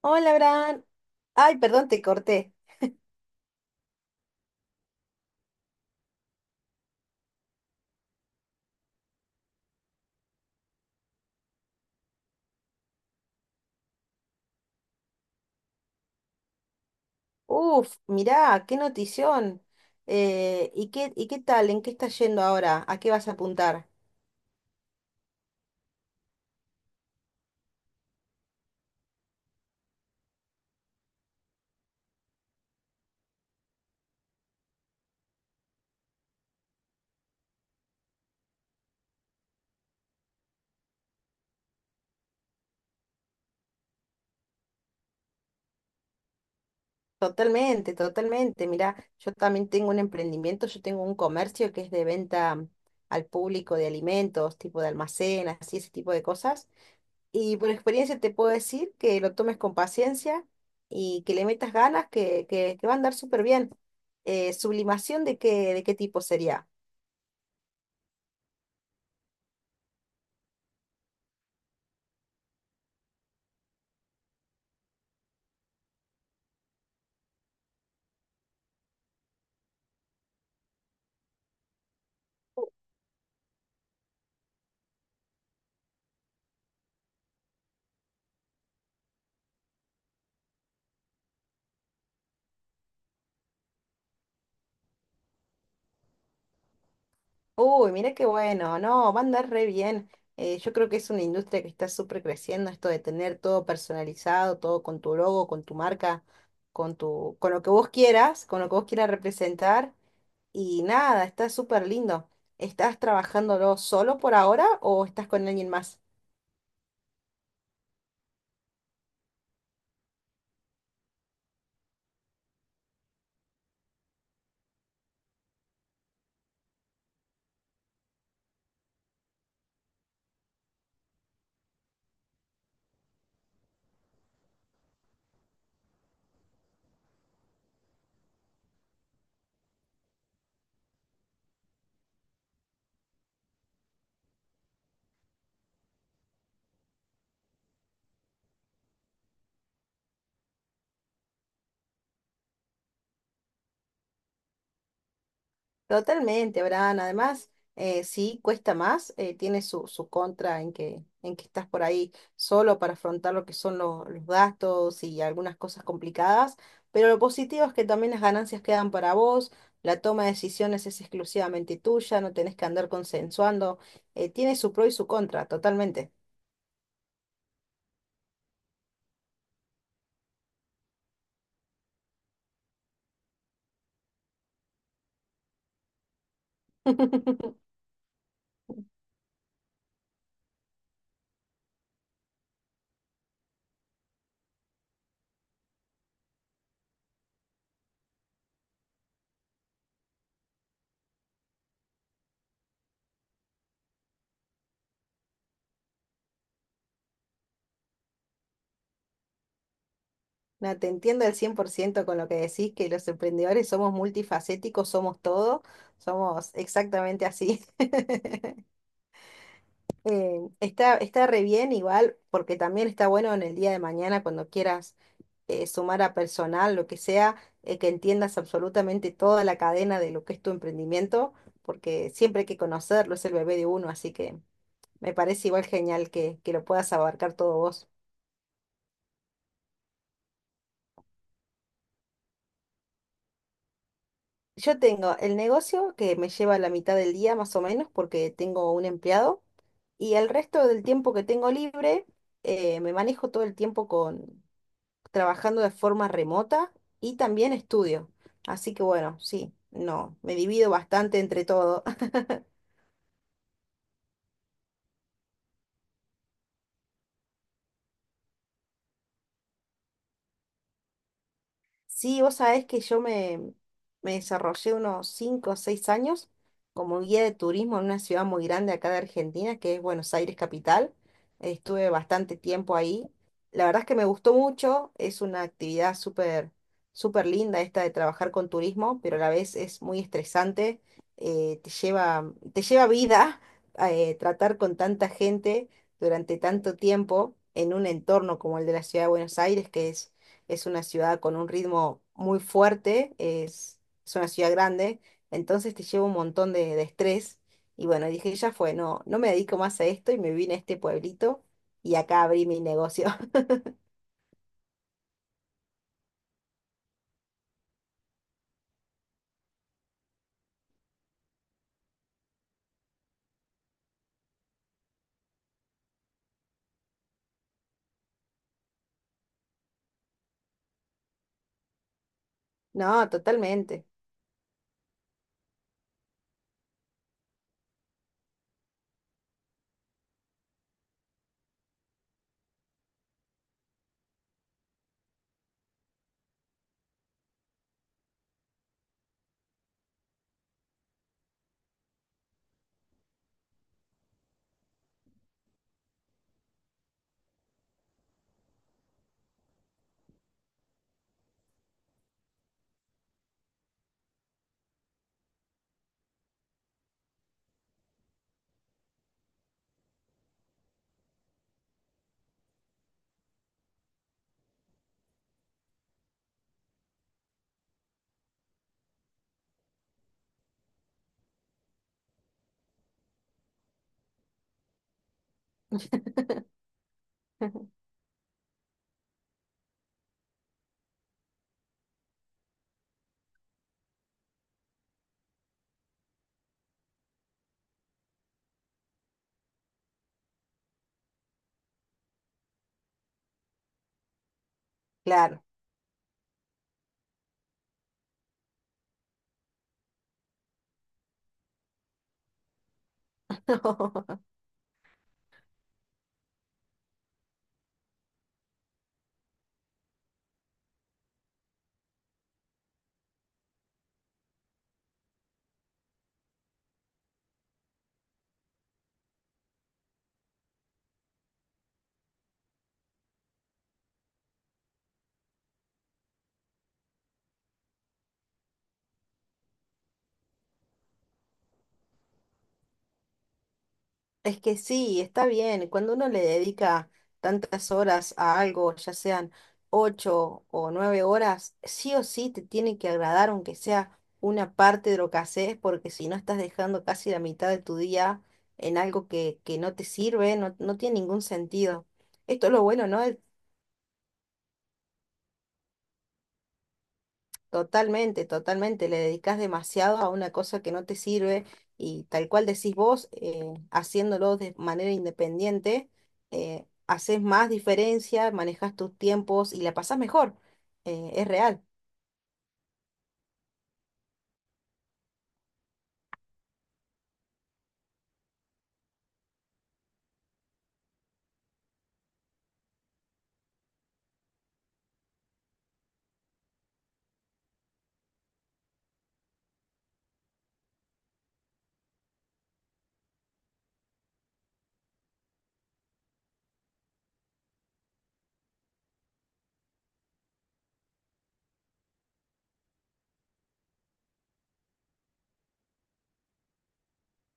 Hola, Abraham. Ay, perdón, te corté. Uf, mirá, qué notición. ¿Y qué tal? ¿En qué estás yendo ahora? ¿A qué vas a apuntar? Totalmente, totalmente. Mirá, yo también tengo un emprendimiento, yo tengo un comercio que es de venta al público de alimentos, tipo de almacén, así ese tipo de cosas. Y por experiencia te puedo decir que lo tomes con paciencia y que le metas ganas, que va a andar súper bien. ¿Sublimación de qué tipo sería? Uy, mira qué bueno, no, va a andar re bien. Yo creo que es una industria que está súper creciendo, esto de tener todo personalizado, todo con tu logo, con tu marca, con lo que vos quieras, con lo que vos quieras representar. Y nada, está súper lindo. ¿Estás trabajándolo solo por ahora o estás con alguien más? Totalmente, Abraham. Además, sí, cuesta más, tiene su contra en que estás por ahí solo para afrontar lo que son los gastos y algunas cosas complicadas, pero lo positivo es que también las ganancias quedan para vos, la toma de decisiones es exclusivamente tuya, no tenés que andar consensuando, Tiene su pro y su contra, totalmente. No, te entiendo al 100% con lo que decís, que los emprendedores somos multifacéticos, somos todo, somos exactamente así. Está re bien igual, porque también está bueno en el día de mañana cuando quieras sumar a personal, lo que sea, que entiendas absolutamente toda la cadena de lo que es tu emprendimiento, porque siempre hay que conocerlo, es el bebé de uno, así que me parece igual genial que lo puedas abarcar todo vos. Yo tengo el negocio que me lleva la mitad del día más o menos, porque tengo un empleado, y el resto del tiempo que tengo libre, me manejo todo el tiempo trabajando de forma remota y también estudio. Así que bueno, sí, no, me divido bastante entre todo. Sí, vos sabés que yo me desarrollé unos 5 o 6 años como guía de turismo en una ciudad muy grande acá de Argentina, que es Buenos Aires capital. Estuve bastante tiempo ahí. La verdad es que me gustó mucho, es una actividad súper súper linda esta de trabajar con turismo, pero a la vez es muy estresante, te lleva vida tratar con tanta gente durante tanto tiempo en un entorno como el de la ciudad de Buenos Aires, que es una ciudad con un ritmo muy fuerte, es una ciudad grande, entonces te lleva un montón de estrés. Y bueno, dije, ya fue, no, no me dedico más a esto y me vine a este pueblito y acá abrí mi negocio. No, totalmente, claro. Es que sí, está bien. Cuando uno le dedica tantas horas a algo, ya sean 8 o 9 horas, sí o sí te tiene que agradar, aunque sea una parte de lo que haces, porque si no estás dejando casi la mitad de tu día en algo que no te sirve, no, no tiene ningún sentido. Esto es lo bueno, ¿no? Totalmente, totalmente. Le dedicas demasiado a una cosa que no te sirve y tal cual decís vos, haciéndolo de manera independiente, haces más diferencia, manejas tus tiempos y la pasás mejor. Es real.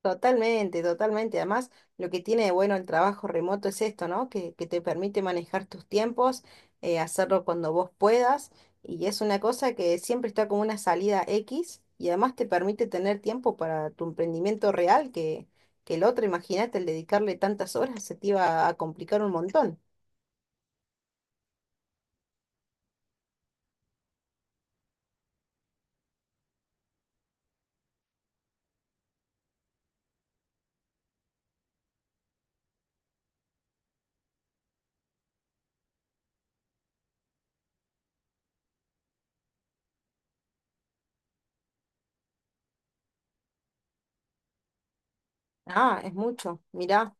Totalmente, totalmente. Además, lo que tiene de bueno el trabajo remoto es esto, ¿no? Que te permite manejar tus tiempos, hacerlo cuando vos puedas, y es una cosa que siempre está como una salida X, y además te permite tener tiempo para tu emprendimiento real, que el otro, imagínate, el dedicarle tantas horas se te iba a complicar un montón. Ah, es mucho. Mirá.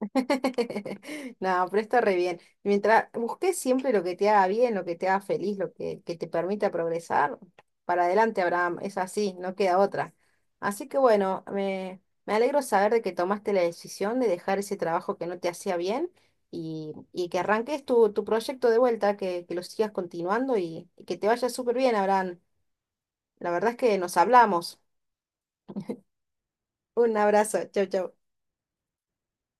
No, pero está re bien. Mientras busques siempre lo que te haga bien, lo que te haga feliz, que te permita progresar, para adelante, Abraham, es así, no queda otra. Así que bueno, me alegro saber de que tomaste la decisión de dejar ese trabajo que no te hacía bien y que arranques tu proyecto de vuelta, que lo sigas continuando y que te vaya súper bien, Abraham. La verdad es que nos hablamos. Un abrazo, chau, chau.